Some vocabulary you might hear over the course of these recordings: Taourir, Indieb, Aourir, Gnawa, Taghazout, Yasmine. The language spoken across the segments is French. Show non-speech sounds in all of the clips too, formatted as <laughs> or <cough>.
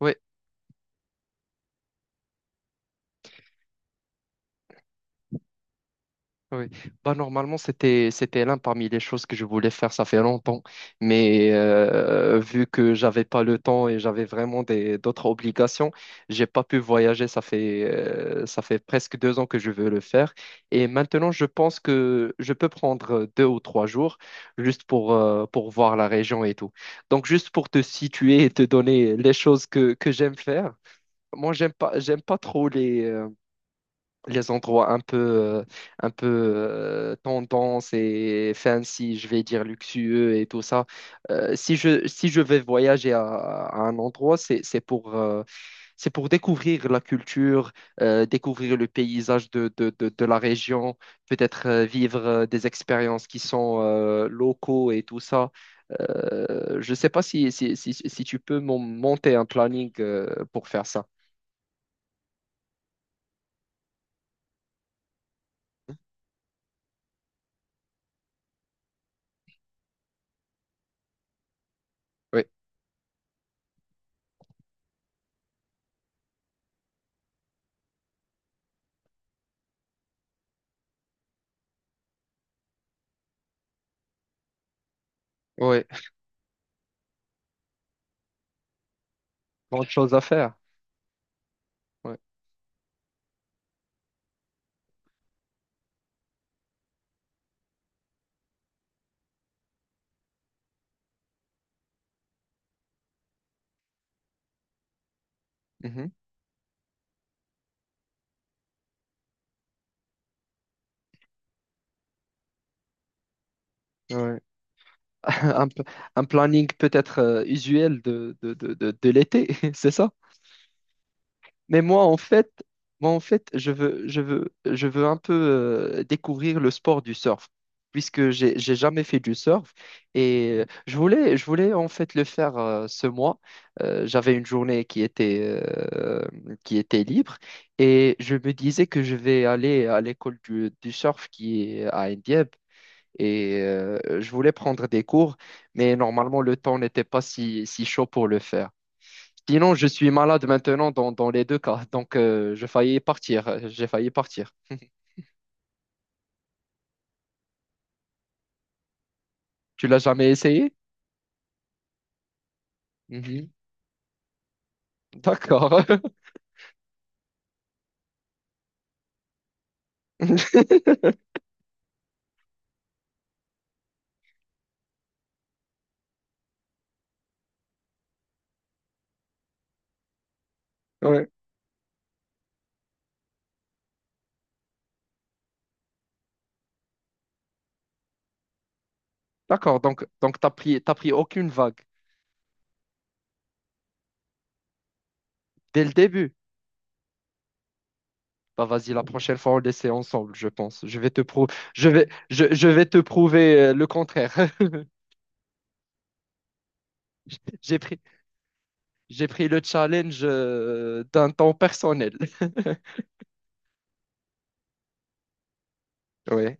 Oui, oui, bah normalement c'était l'un parmi les choses que je voulais faire ça fait longtemps, mais vu que j'avais pas le temps et j'avais vraiment des d'autres obligations, j'ai pas pu voyager. Ça fait presque 2 ans que je veux le faire et maintenant je pense que je peux prendre 2 ou 3 jours juste pour voir la région et tout. Donc juste pour te situer et te donner les choses que j'aime faire. Moi j'aime pas trop les endroits un peu tendance et fancy, je vais dire luxueux et tout ça. Si je vais voyager à un endroit, c'est pour découvrir la culture, découvrir le paysage de la région, peut-être vivre des expériences qui sont locaux et tout ça. Je ne sais pas si tu peux monter un planning pour faire ça. Oui, oui, grande chose à faire. Oui. Mhm. Ouais. <laughs> Un, p- un planning peut-être usuel de l'été, <laughs> c'est ça? Mais moi, en fait, je veux un peu découvrir le sport du surf, puisque j'ai jamais fait du surf et je voulais en fait le faire ce mois. J'avais une journée euh, qui était libre et je me disais que je vais aller à l'école du surf qui est à Indieb. Et je voulais prendre des cours, mais normalement le temps n'était pas si chaud pour le faire. Sinon, je suis malade maintenant dans les deux cas. Donc, je failli partir. J'ai failli partir. Tu l'as jamais essayé? Mhm. D'accord. <laughs> Ouais. D'accord. Donc, t'as pris aucune vague dès le début. Bah, vas-y, la prochaine fois, on l'essaie ensemble, je pense. Je vais te prou- je vais te prouver le contraire. <laughs> J'ai pris, j'ai pris le challenge d'un temps personnel. <laughs> Oui.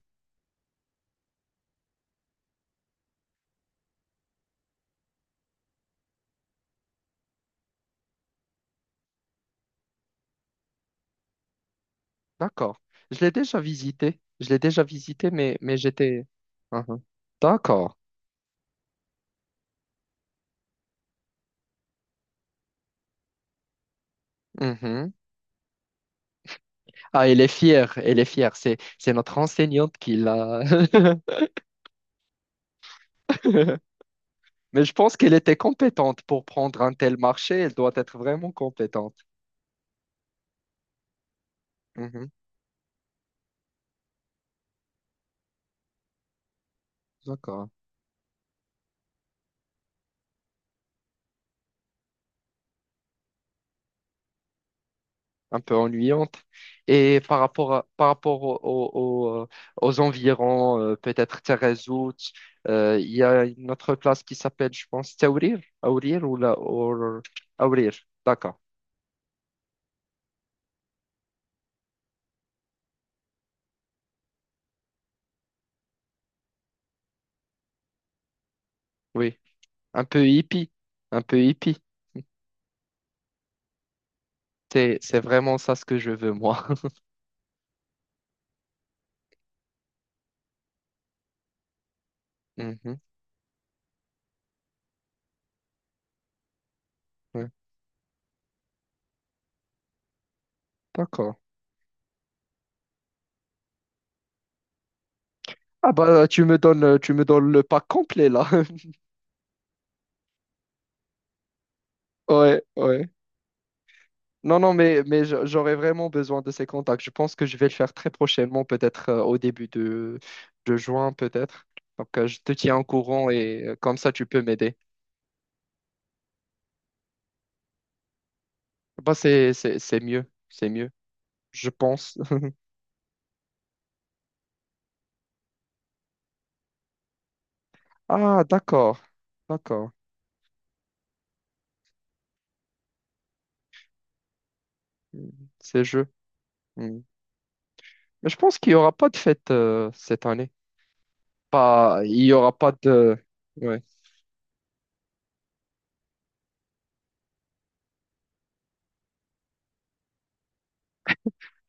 D'accord. Je l'ai déjà visité. Je l'ai déjà visité, mais j'étais... Mhm. D'accord. Mhm. Ah, elle est fière. Elle est fière. C'est notre enseignante qui l'a. <laughs> Mais je pense qu'elle était compétente pour prendre un tel marché. Elle doit être vraiment compétente. Mhm. D'accord. Un peu ennuyante. Et par rapport à- par rapport au- au- au- aux environs, peut-être Taghazout, il y a une autre place qui s'appelle, je pense, Taourir, Aourir ou Aourir, d'accord, oui, un peu hippie, un peu hippie. C'est vraiment ça ce que je veux moi. <laughs> Mhm, ouais, d'accord. Ah bah tu me donnes le pack complet là. <laughs> Ouais, ouais. Non, non, mais j'aurais vraiment besoin de ces contacts. Je pense que je vais le faire très prochainement, peut-être au début de juin, peut-être. Donc, je te tiens au courant et comme ça, tu peux m'aider. Bah, c'est mieux, je pense. <laughs> Ah, d'accord, d'accord. Mm. Ces jeux. Mm. Mais je pense qu'il n'y aura pas de fête cette année. Pas, il n'y aura pas de... Ouais.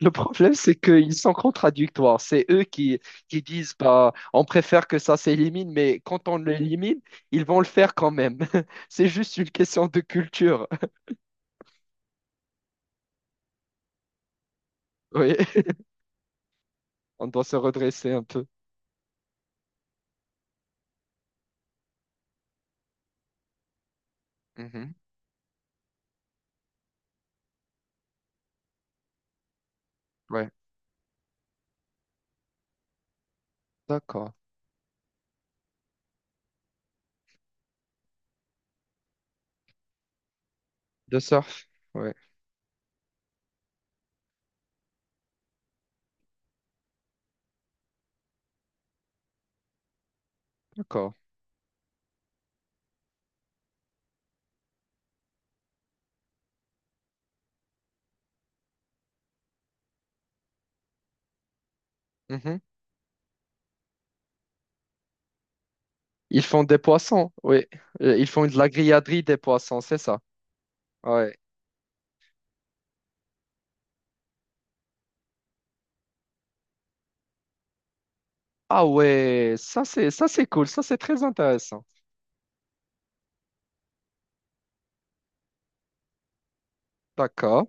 Le problème, c'est qu'ils sont contradictoires. C'est eux qui disent, bah, on préfère que ça s'élimine, mais quand on l'élimine, ils vont le faire quand même. <laughs> C'est juste une question de culture. <laughs> Oui, on doit se redresser un peu. Mhm. Ouais, d'accord. De surf. Ouais, d'accord. Mhm. Ils font des poissons. Oui. Ils font de la grilladerie des poissons, c'est ça. Ouais. Ah ouais, ça c'est cool, ça c'est très intéressant. D'accord.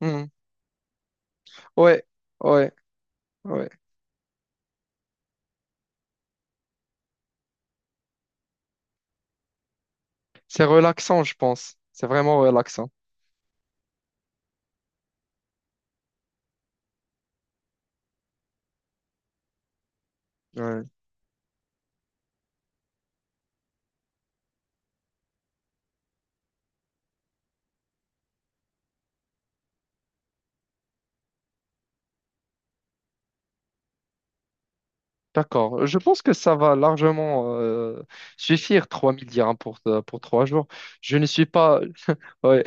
Mhm. Ouais, ouais, ouais. C'est relaxant, je pense. C'est vraiment relaxant. Ouais. D'accord. Je pense que ça va largement suffire 3000 dirhams pour 3 jours. Je ne suis pas... <laughs> Ouais,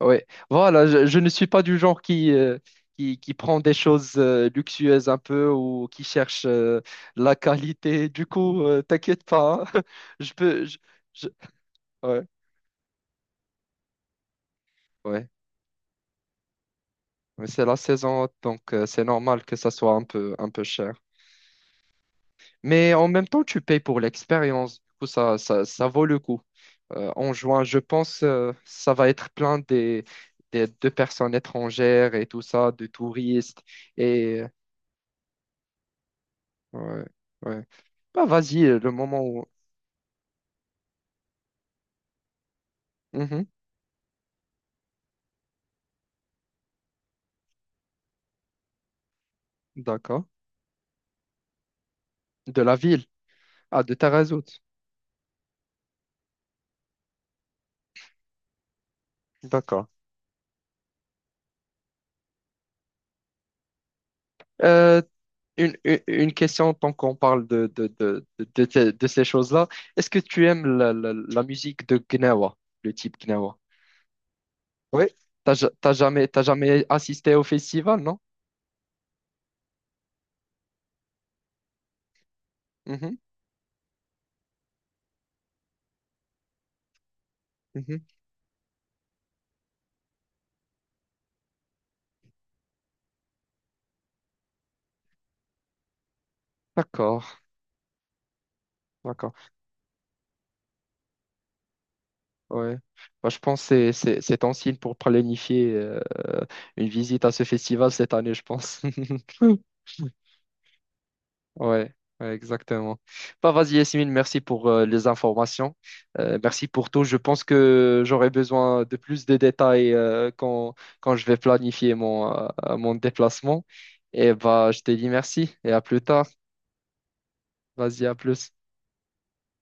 ouais. Voilà, je ne suis pas du genre qui prend des choses luxueuses un peu ou qui cherche la qualité. Du coup, t'inquiète pas, hein. <laughs> Je peux... je- Ouais, ouais. Mais c'est la saison, donc c'est normal que ça soit un peu cher. Mais en même temps, tu payes pour l'expérience. Du coup, ça vaut le coup. En juin, je pense, ça va être plein de personnes étrangères et tout ça, de touristes. Et ouais, ouais. Bah, vas-y, le moment où. Mhm, d'accord. De la ville. Ah, de Tarazout. D'accord. Euh, une question, tant qu'on parle de ces choses-là, est-ce que tu aimes la musique de Gnawa, le type Gnawa? Oui, t'as jamais assisté au festival, non? Mhm, mhm. D'accord, d'accord. Ouais. Bah, je pense que c'est un signe pour planifier une visite à ce festival cette année, je pense. <laughs> Mm. Ouais, ouais, exactement. Bah, vas-y, Yasmine, merci pour les informations. Merci pour tout. Je pense que j'aurai besoin de plus de détails quand je vais planifier mon déplacement. Et bah, je te dis merci et à plus tard. Vas-y, à plus.